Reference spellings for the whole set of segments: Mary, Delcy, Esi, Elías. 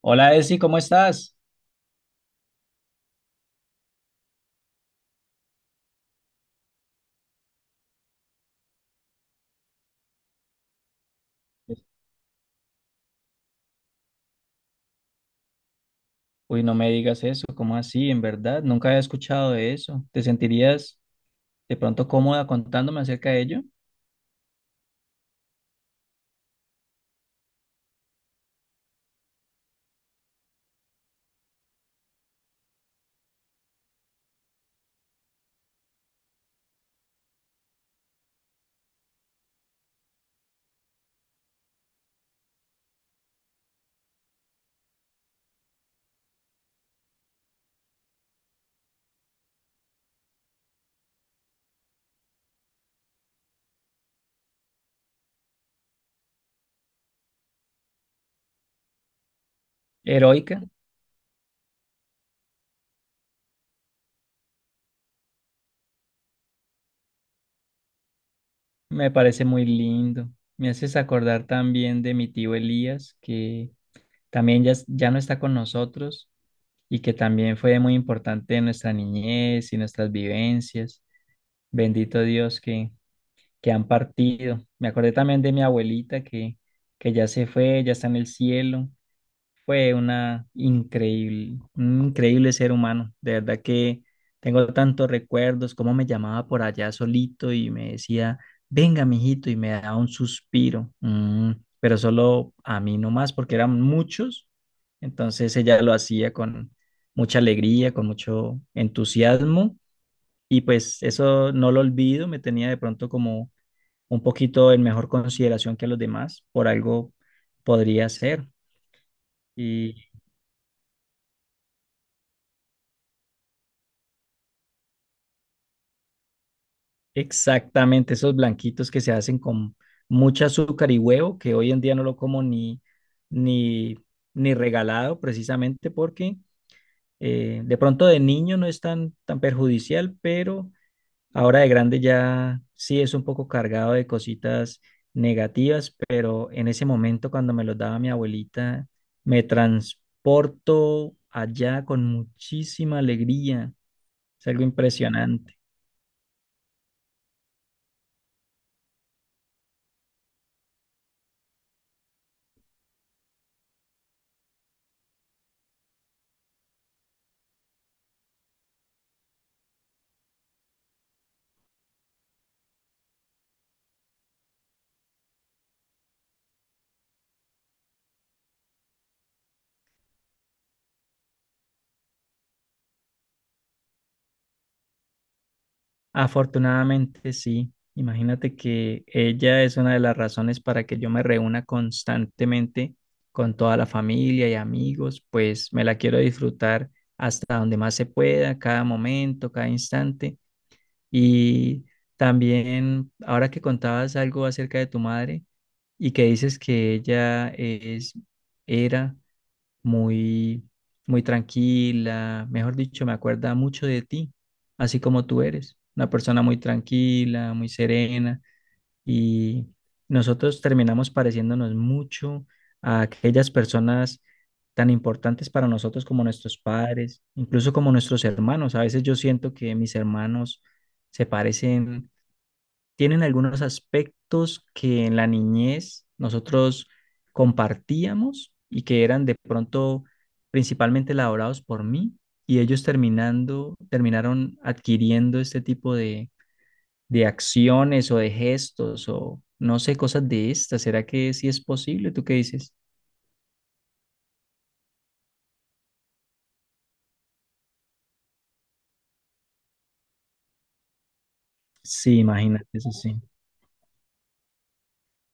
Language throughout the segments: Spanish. Hola, Esi, ¿cómo estás? Uy, no me digas eso, ¿cómo así? En verdad, nunca había escuchado de eso. ¿Te sentirías de pronto cómoda contándome acerca de ello? Heroica, me parece muy lindo. Me haces acordar también de mi tío Elías, que también ya, ya no está con nosotros y que también fue muy importante en nuestra niñez y nuestras vivencias. Bendito Dios que han partido. Me acordé también de mi abuelita que ya se fue, ya está en el cielo. Fue una increíble, un increíble ser humano. De verdad que tengo tantos recuerdos, cómo me llamaba por allá solito y me decía, venga, mijito, y me daba un suspiro. Mm, pero solo a mí nomás, porque eran muchos. Entonces ella lo hacía con mucha alegría, con mucho entusiasmo. Y pues eso no lo olvido, me tenía de pronto como un poquito en mejor consideración que a los demás, por algo podría ser. Y exactamente, esos blanquitos que se hacen con mucho azúcar y huevo, que hoy en día no lo como ni, ni regalado precisamente porque de pronto de niño no es tan, tan perjudicial, pero ahora de grande ya sí es un poco cargado de cositas negativas, pero en ese momento cuando me los daba mi abuelita, me transporto allá con muchísima alegría. Es algo impresionante. Afortunadamente sí. Imagínate que ella es una de las razones para que yo me reúna constantemente con toda la familia y amigos, pues me la quiero disfrutar hasta donde más se pueda, cada momento, cada instante. Y también, ahora que contabas algo acerca de tu madre y que dices que ella es, era muy, muy tranquila, mejor dicho, me acuerda mucho de ti, así como tú eres, una persona muy tranquila, muy serena, y nosotros terminamos pareciéndonos mucho a aquellas personas tan importantes para nosotros como nuestros padres, incluso como nuestros hermanos. A veces yo siento que mis hermanos se parecen tienen algunos aspectos que en la niñez nosotros compartíamos y que eran de pronto principalmente elaborados por mí y ellos terminaron adquiriendo este tipo de acciones o de gestos o no sé, cosas de estas. ¿Será que sí es posible? ¿Tú qué dices? Sí, imagínate, eso sí.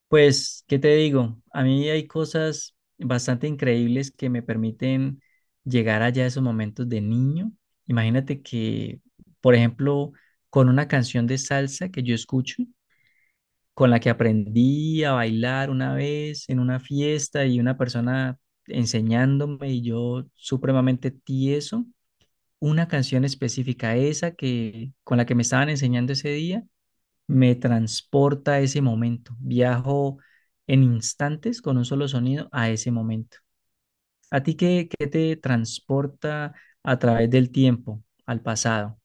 Pues, ¿qué te digo? A mí hay cosas bastante increíbles que me permiten llegar allá a esos momentos de niño. Imagínate que, por ejemplo, con una canción de salsa que yo escucho, con la que aprendí a bailar una vez en una fiesta y una persona enseñándome y yo supremamente tieso, una canción específica, esa que con la que me estaban enseñando ese día me transporta a ese momento. Viajo en instantes con un solo sonido a ese momento. ¿A ti qué te transporta a través del tiempo, al pasado?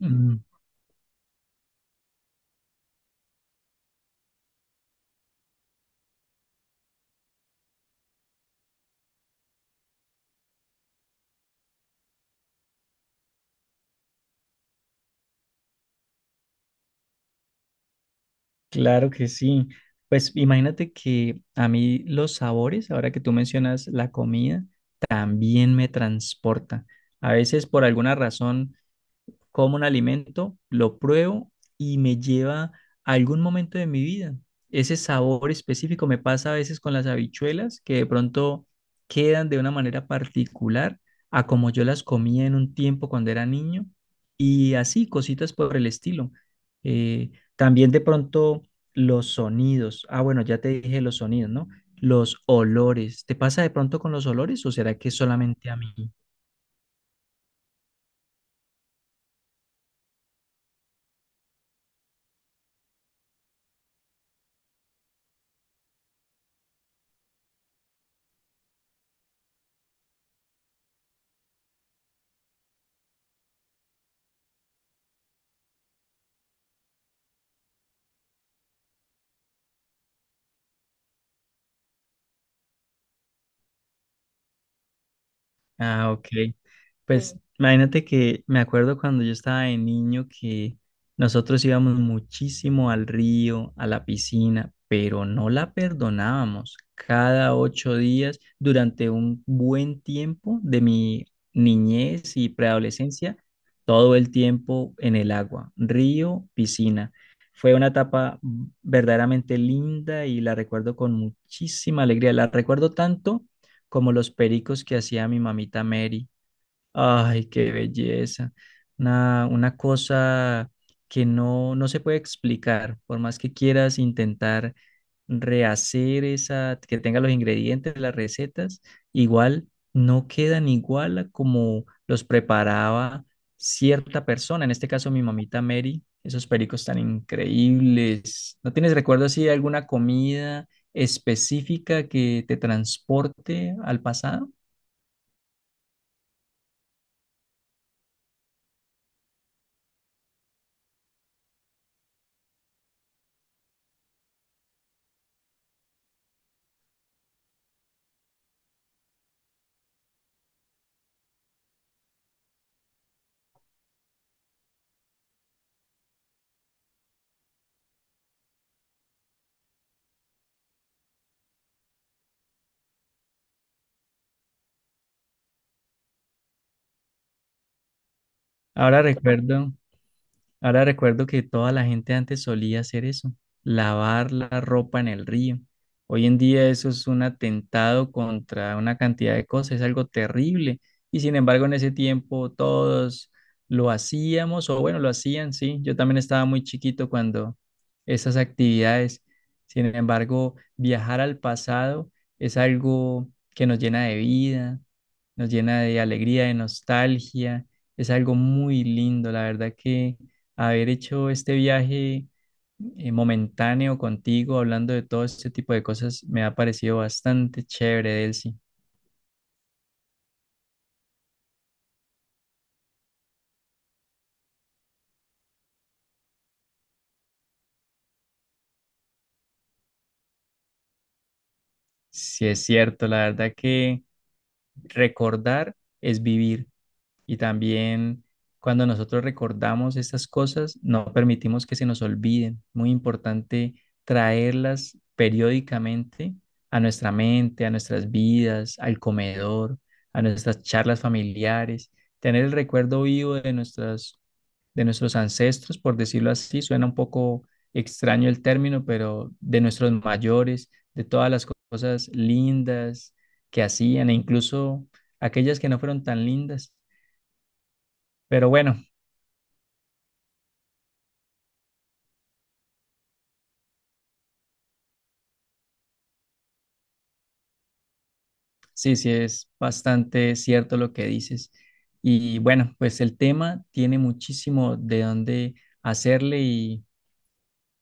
Mm, claro que sí. Pues imagínate que a mí los sabores, ahora que tú mencionas la comida, también me transporta. A veces por alguna razón como un alimento, lo pruebo y me lleva a algún momento de mi vida. Ese sabor específico me pasa a veces con las habichuelas que de pronto quedan de una manera particular a como yo las comía en un tiempo cuando era niño y así, cositas por el estilo. Eh, También de pronto los sonidos. Ah, bueno, ya te dije los sonidos, ¿no? Los olores. ¿Te pasa de pronto con los olores o será que solamente a mí? Ah, ok. Sí. Pues sí, imagínate que me acuerdo cuando yo estaba de niño que nosotros íbamos muchísimo al río, a la piscina, pero no la perdonábamos. Cada 8 días, durante un buen tiempo de mi niñez y preadolescencia, todo el tiempo en el agua, río, piscina. Fue una etapa verdaderamente linda y la recuerdo con muchísima alegría. La recuerdo tanto como los pericos que hacía mi mamita Mary. Ay, qué belleza. Una cosa que no se puede explicar, por más que quieras intentar rehacer esa, que tenga los ingredientes de las recetas, igual no quedan igual a como los preparaba cierta persona, en este caso mi mamita Mary, esos pericos tan increíbles. ¿No tienes recuerdo así de alguna comida específica que te transporte al pasado? Ahora recuerdo. Ahora recuerdo que toda la gente antes solía hacer eso, lavar la ropa en el río. Hoy en día eso es un atentado contra una cantidad de cosas, es algo terrible. Y sin embargo, en ese tiempo todos lo hacíamos, o bueno, lo hacían, sí. Yo también estaba muy chiquito cuando esas actividades. Sin embargo, viajar al pasado es algo que nos llena de vida, nos llena de alegría, de nostalgia. Es algo muy lindo, la verdad que haber hecho este viaje momentáneo contigo, hablando de todo este tipo de cosas, me ha parecido bastante chévere, Delcy. Sí, es cierto, la verdad que recordar es vivir. Y también cuando nosotros recordamos estas cosas, no permitimos que se nos olviden. Muy importante traerlas periódicamente a nuestra mente, a nuestras vidas, al comedor, a nuestras charlas familiares. Tener el recuerdo vivo de nuestros ancestros, por decirlo así, suena un poco extraño el término, pero de nuestros mayores, de todas las cosas lindas que hacían e incluso aquellas que no fueron tan lindas pero bueno, sí, sí, es bastante cierto lo que dices. Y bueno, pues el tema tiene muchísimo de dónde hacerle y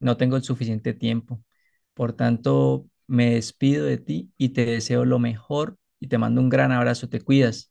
no tengo el suficiente tiempo. Por tanto, me despido de ti y te deseo lo mejor y te mando un gran abrazo. Te cuidas.